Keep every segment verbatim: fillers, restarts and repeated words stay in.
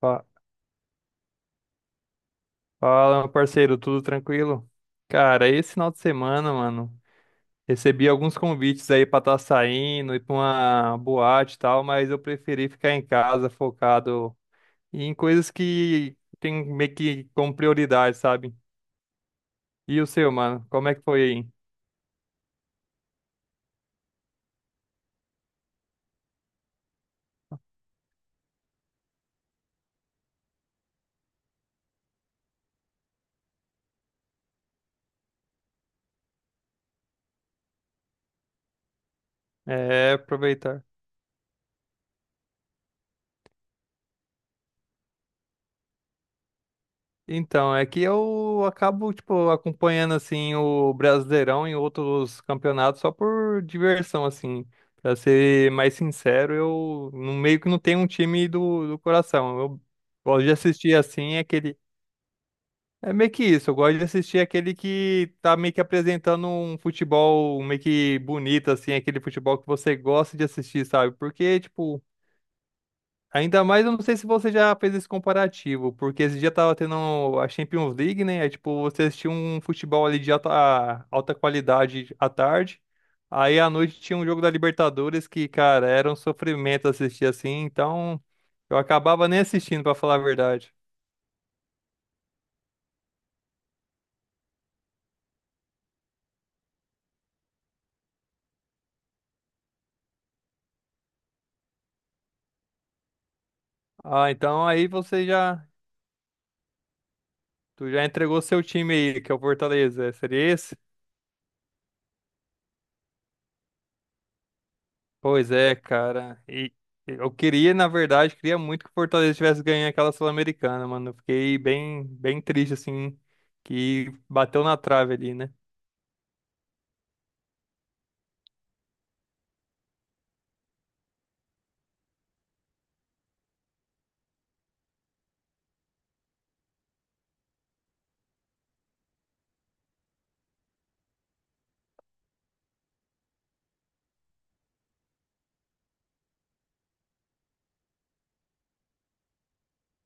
Fa- Fala, meu parceiro, tudo tranquilo? Cara, esse final de semana, mano, recebi alguns convites aí pra estar saindo, ir pra uma boate e tal, mas eu preferi ficar em casa focado em coisas que tem meio que como prioridade, sabe? E o seu, mano, como é que foi aí? É, aproveitar. Então, é que eu acabo, tipo, acompanhando, assim, o Brasileirão em outros campeonatos só por diversão, assim. Pra ser mais sincero, eu não- meio que não tenho um time do, do coração. Eu gosto de assistir, assim, aquele... É meio que isso, eu gosto de assistir aquele que tá meio que apresentando um futebol meio que bonito, assim, aquele futebol que você gosta de assistir, sabe? Porque, tipo, ainda mais, eu não sei se você já fez esse comparativo, porque esse dia tava tendo a Champions League, né? É tipo, você assistia um futebol ali de alta, alta qualidade à tarde, aí à noite tinha um jogo da Libertadores que, cara, era um sofrimento assistir assim, então eu acabava nem assistindo, pra falar a verdade. Ah, então aí você já, tu já entregou seu time aí, que é o Fortaleza, seria esse? Pois é, cara. E eu queria, na verdade, queria muito que o Fortaleza tivesse ganho aquela Sul-Americana, mano. Eu fiquei bem, bem triste, assim, que bateu na trave ali, né?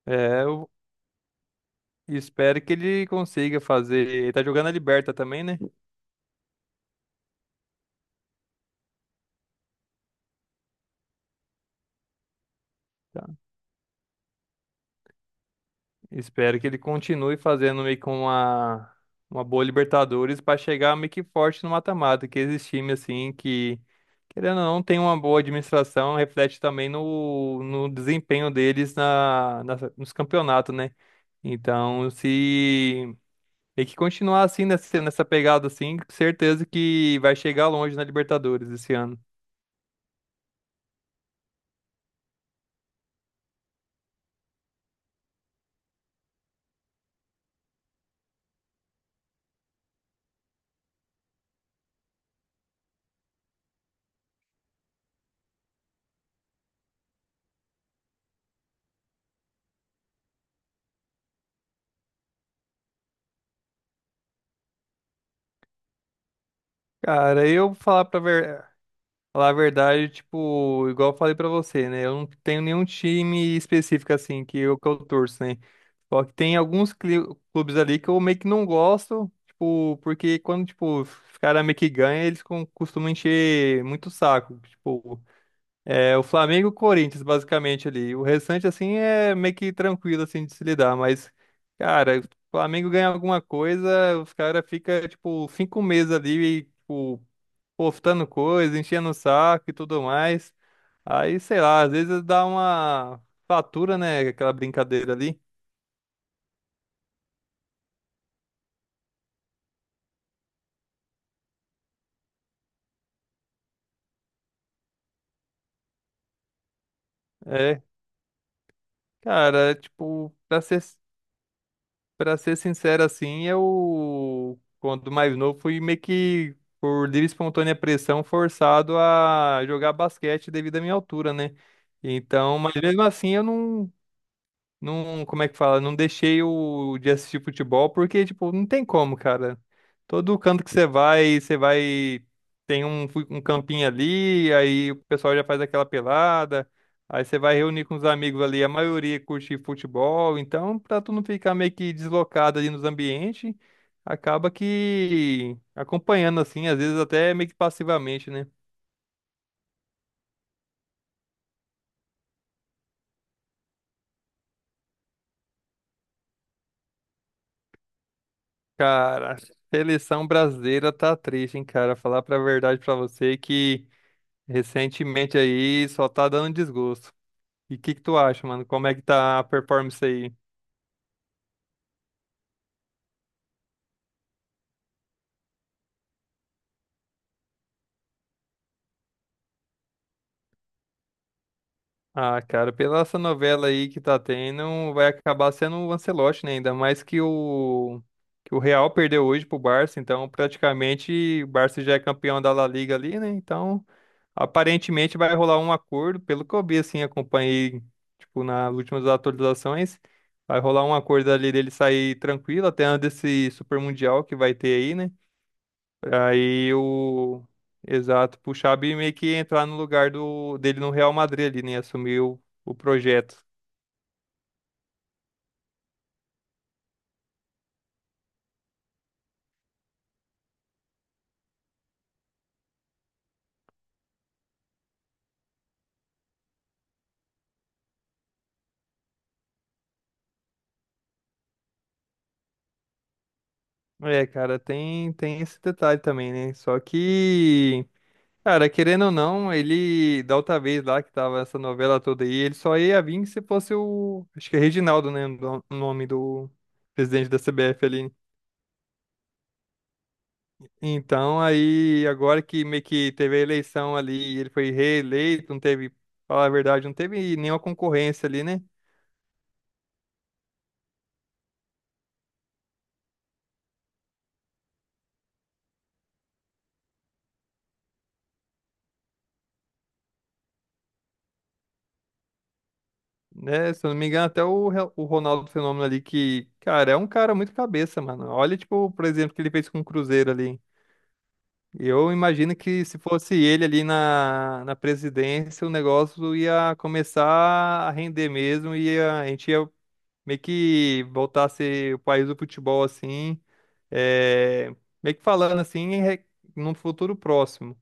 É, eu espero que ele consiga fazer. Ele tá jogando a Liberta também, né? Tá. Espero que ele continue fazendo meio com uma, uma boa Libertadores pra chegar meio que forte no mata-mata, que esses times, assim, que. Querendo ou não, tem uma boa administração, reflete também no, no desempenho deles na, nas- nos campeonatos, né? Então, se tem que continuar assim, nessa, nessa pegada assim, certeza que vai chegar longe na Libertadores esse ano. Cara, eu vou falar pra ver. Falar a verdade, tipo, igual eu falei pra você, né? Eu não tenho nenhum time específico, assim, que eu, que eu torço, né? Só que tem alguns cli- clubes ali que eu meio que não gosto, tipo, porque quando, tipo, os caras meio que ganham, eles com- costumam encher muito o saco. Tipo, é o Flamengo e o Corinthians, basicamente, ali. O restante, assim, é meio que tranquilo, assim, de se lidar, mas, cara, o Flamengo ganha alguma coisa, os caras ficam, tipo, cinco meses ali, tipo, postando coisa, enchendo o saco e tudo mais. Aí, sei lá, às vezes dá uma fatura, né? Aquela brincadeira ali. É, cara, é, tipo, pra ser, pra ser sincero assim, eu, quando mais novo, fui meio que, por livre e espontânea pressão, forçado a jogar basquete devido à minha altura, né? Então, mas mesmo assim, eu não. Não, como é que fala? Não deixei o de assistir futebol porque, tipo, não tem como, cara. Todo canto que você vai, você vai. Tem um, fu- um campinho ali, aí o pessoal já faz aquela pelada. Aí você vai reunir com os amigos ali, a maioria curte futebol. Então, pra tu não ficar meio que deslocado ali nos ambientes, acaba que acompanhando assim, às vezes até meio que passivamente, né? Cara, seleção brasileira tá triste, hein, cara? Falar pra verdade pra você que. Recentemente aí só tá dando desgosto. E o que que tu acha, mano? Como é que tá a performance aí? Ah, cara, pela essa novela aí que tá tendo, vai acabar sendo o Ancelotti, né? Ainda mais que o que o Real perdeu hoje pro Barça, então praticamente o Barça já é campeão da La Liga ali, né? Então, aparentemente vai rolar um acordo, pelo que eu vi assim, acompanhei tipo nas últimas atualizações, vai rolar um acordo ali dele sair tranquilo até antes desse Super Mundial que vai ter aí, né? Aí o. Exato, pro Xabi meio que entrar no lugar do... dele no Real Madrid ali, né? Assumir o, o projeto. É, cara, tem, tem esse detalhe também, né? Só que, cara, querendo ou não, ele, da outra vez lá que tava essa novela toda aí, ele só ia vir se fosse o, acho que é Reginaldo, né? O no- o nome do presidente da C B F ali. Então, aí, agora que meio que teve a eleição ali, e ele foi reeleito, não teve, falar a verdade, não teve nenhuma concorrência ali, né? Né? Se eu não me engano, até o, Re- o Ronaldo Fenômeno ali, que, cara, é um cara muito cabeça, mano. Olha, tipo, por exemplo, o que ele fez com o Cruzeiro ali. Eu imagino que se fosse ele ali na, na presidência, o negócio ia começar a render mesmo, e a gente ia meio que voltar a ser o país do futebol, assim, é, meio que falando assim, em re- num futuro próximo.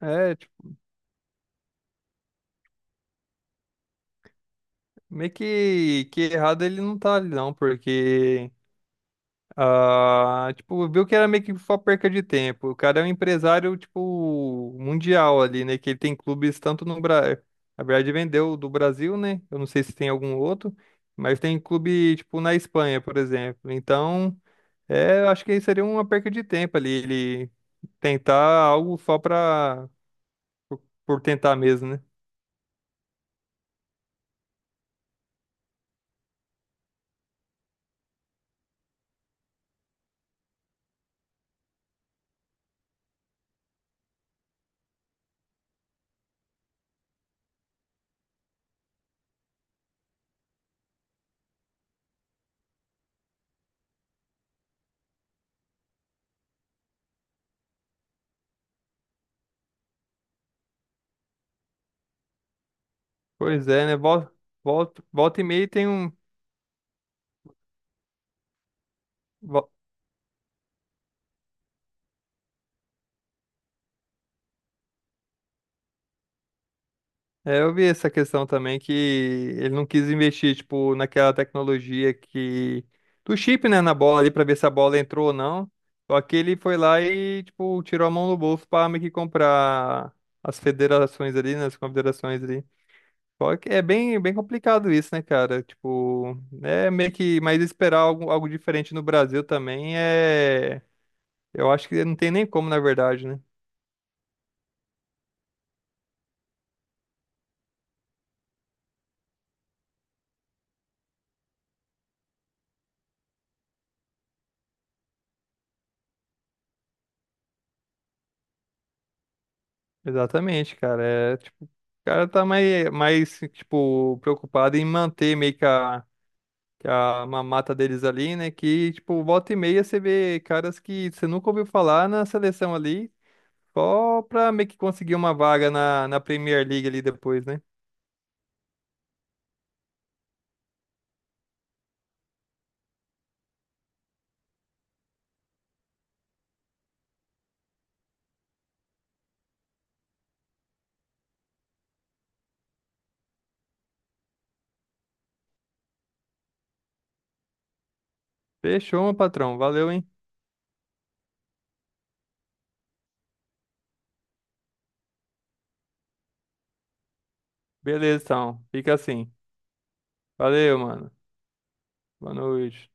É, tipo, meio que, que errado ele não tá ali, não, porque. Ah, tipo, viu que era meio que só perca de tempo. O cara é um empresário, tipo, mundial ali, né? Que ele tem clubes tanto no Brasil. Na verdade, vendeu do Brasil, né? Eu não sei se tem algum outro, mas tem clube, tipo, na Espanha, por exemplo. Então, é, eu acho que seria uma perca de tempo ali, ele tentar algo só pra, por tentar mesmo, né? Pois é, né? Volta, volta, volta e meia tem um. É, eu vi essa questão também que ele não quis investir, tipo, naquela tecnologia que... do chip, né, na bola ali pra ver se a bola entrou ou não. Só que ele foi lá e, tipo, tirou a mão do bolso pra meio que comprar as federações ali, né, as confederações ali. Só que é bem, bem complicado isso, né, cara? Tipo, é meio que... Mas esperar algo, algo diferente no Brasil também é... Eu acho que não tem nem como, na verdade, né? Exatamente, cara. É, tipo, o cara tá mais, mais, tipo, preocupado em manter meio que a, que a mamata deles ali, né? Que, tipo, volta e meia você vê caras que você nunca ouviu falar na seleção ali, só pra meio que conseguir uma vaga na, na Premier League ali depois, né? Fechou, meu patrão. Valeu, hein? Beleza, então. Fica assim. Valeu, mano. Boa noite.